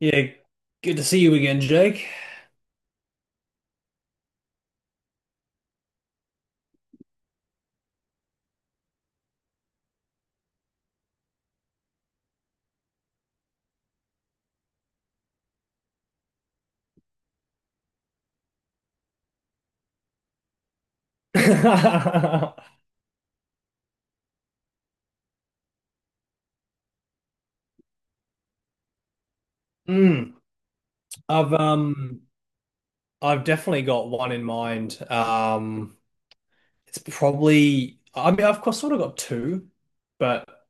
Yeah, good to see you again, Jake. Mm, I've I've definitely got one in mind. It's probably I mean I've sort of got two, but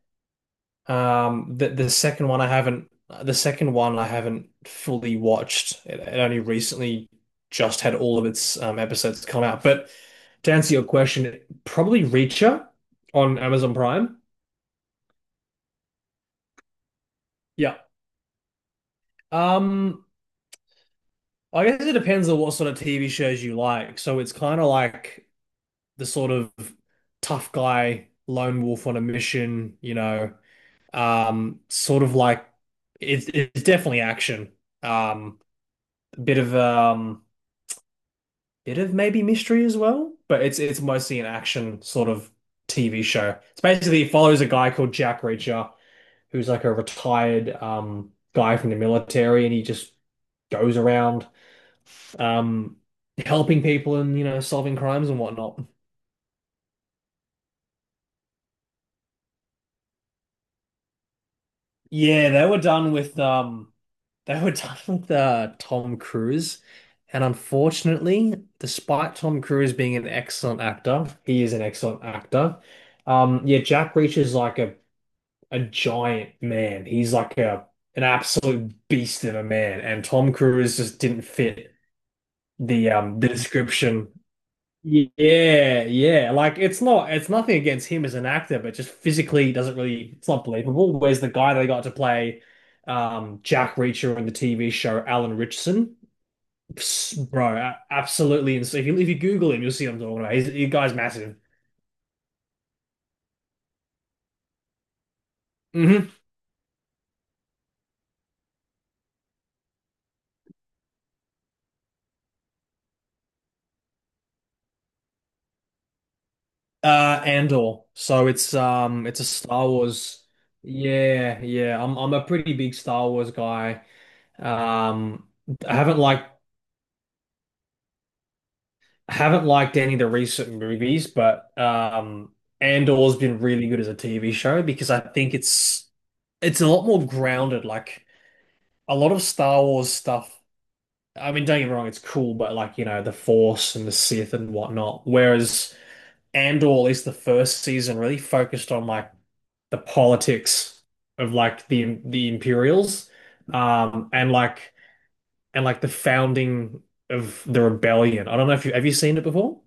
the second one I haven't. The second one I haven't fully watched. It only recently just had all of its episodes come out. But to answer your question, probably Reacher on Amazon Prime. Yeah. Um I guess it depends on what sort of TV shows you like. So it's kind of like the sort of tough guy, lone wolf on a mission, you know, sort of like it's definitely action. Um, a bit of maybe mystery as well, but it's mostly an action sort of TV show. It's basically it follows a guy called Jack Reacher, who's like a retired guy from the military, and he just goes around um, helping people and you know solving crimes and whatnot. Yeah, they were done with They were done with Tom Cruise, and unfortunately, despite Tom Cruise being an excellent actor, he is an excellent actor. Yeah, Jack Reacher's like a giant man. He's like a an absolute beast of a man, and Tom Cruise just didn't fit the description. Yeah, yeah. Like it's not it's nothing against him as an actor, but just physically he doesn't really, it's not believable. Where's the guy they got to play Jack Reacher in the TV show, Alan Richardson? Psst, bro, absolutely insane. If you Google him, you'll see what I'm talking about. The guy's massive. hmm Andor. So it's a Star Wars. Yeah, yeah. I'm a pretty big Star Wars guy. Um I haven't liked any of the recent movies, but Andor's been really good as a TV show because I think it's a lot more grounded. Like a lot of Star Wars stuff. I mean, don't get me wrong, it's cool, but like you know, the Force and the Sith and whatnot. Whereas Andor, at least the first season, really focused on like the politics of like the Imperials, um, and like and like the founding of the rebellion. I don't know if you seen it before?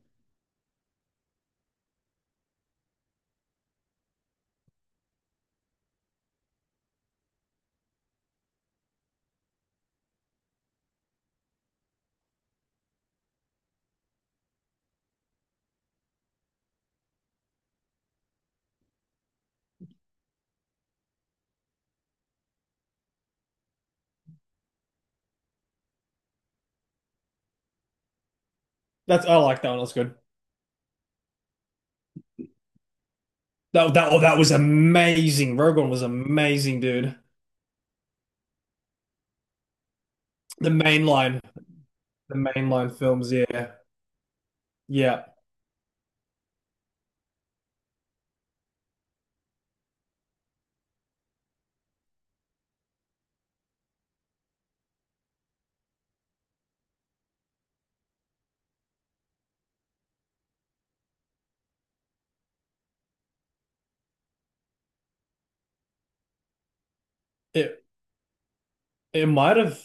That's, I like that one. That's good. That that oh, that was amazing. Rogue One was amazing, dude. The mainline, the mainline films. Yeah, yeah. It it might have,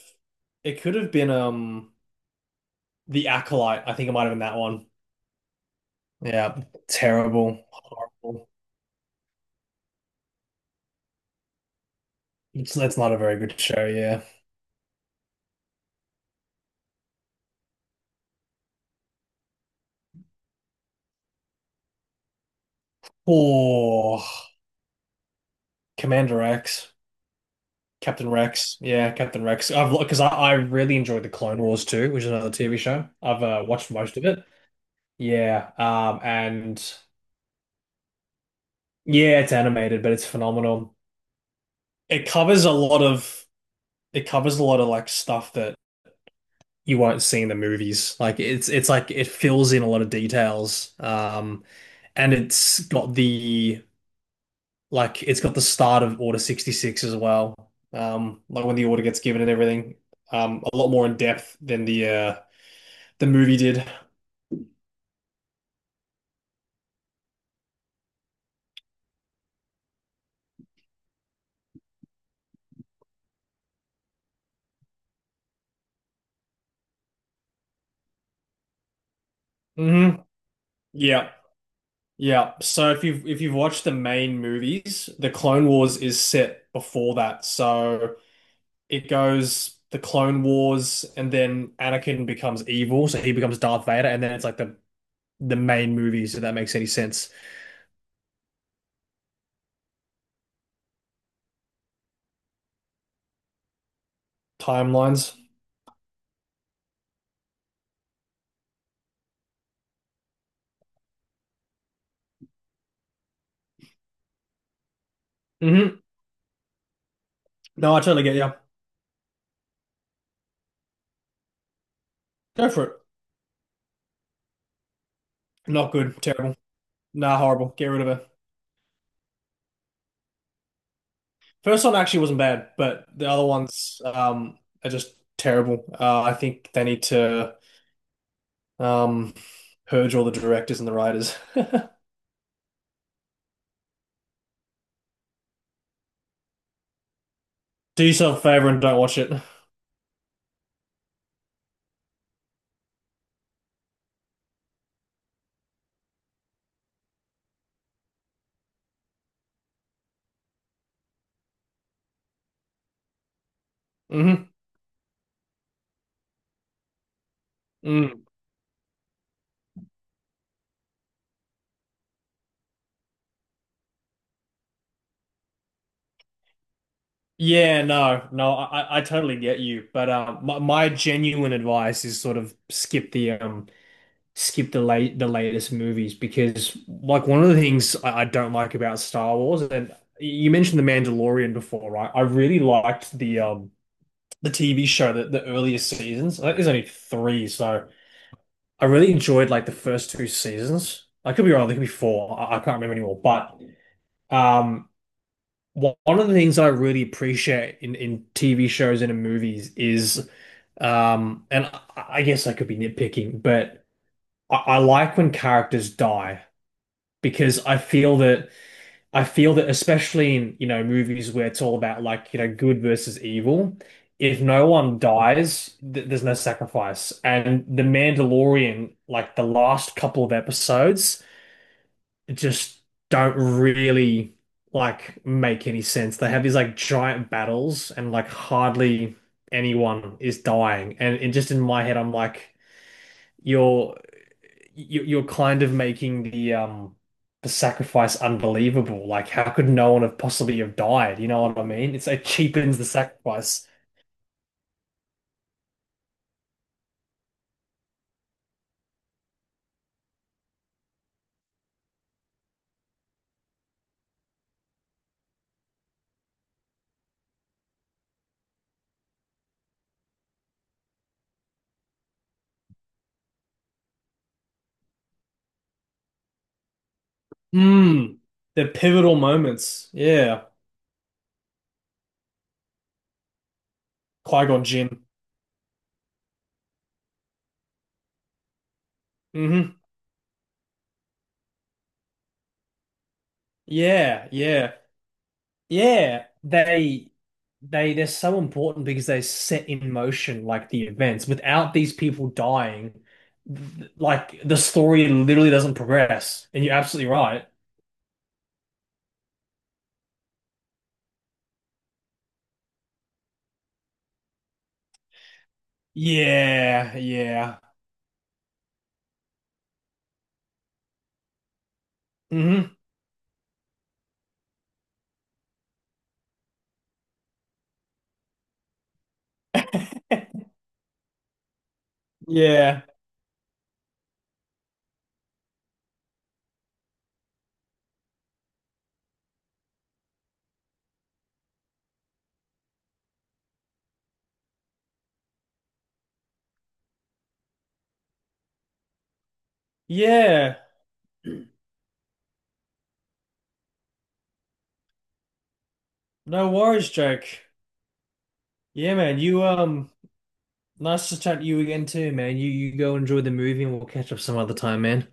it could have been the Acolyte. I think it might have been that one. Yeah, terrible, horrible. It's that's not a very good show. Yeah. Oh, Commander Rex, Captain Rex, yeah, Captain Rex. I really enjoyed the Clone Wars too, which is another TV show. I've watched most of it. Yeah, and yeah, it's animated, but it's phenomenal. It covers a lot of, it covers a lot of like stuff that you won't see in the movies. Like it's like it fills in a lot of details. And it's got the. It's got the start of Order 66 as well. Like when the order gets given and everything. A lot more in depth than the movie did. hmm Yeah. Yeah. So if you've watched the main movies, the Clone Wars is set before that. So it goes the Clone Wars, and then Anakin becomes evil, so he becomes Darth Vader, and then it's like the main movies, if that makes any sense. Timelines. Mm-hmm. No, I totally get you. Go for it. Not good. Terrible. Nah, horrible. Get rid of it. First one actually wasn't bad, but the other ones are just terrible. I think they need to um, purge all the directors and the writers. Do yourself a favor and don't watch it. hmm Mm. Yeah, no, I totally get you, but my genuine advice is sort of skip the latest movies because like one of the things I don't like about Star Wars, and you mentioned The Mandalorian before, right? I really liked the TV show, that the earliest seasons. I think there's only three, so I really enjoyed like the first two seasons. I could be wrong, there could be four. I can't remember anymore. But um, one of the things I really appreciate in TV shows and in movies is and I guess I could be nitpicking, but I like when characters die, because I feel that, I feel that especially in, you know, movies where it's all about like, you know, good versus evil, if no one dies, th there's no sacrifice. And The Mandalorian, like the last couple of episodes, just don't really like make any sense. They have these like giant battles, and like hardly anyone is dying. And just in my head, I'm like, you're, you're kind of making the sacrifice unbelievable. Like how could no one have possibly have died? You know what I mean? It's, it cheapens the sacrifice. Hmm. The pivotal moments. Yeah. Qui-Gon Jinn. Mm-hmm. Yeah, yeah. Yeah. They they're so important because they set in motion like the events. Without these people dying, like the story literally doesn't progress. And you're absolutely right. Yeah, yeah. hmm Yeah. Yeah. No worries, Jake. Yeah, man. You um, nice to chat to you again too, man. You go enjoy the movie and we'll catch up some other time, man.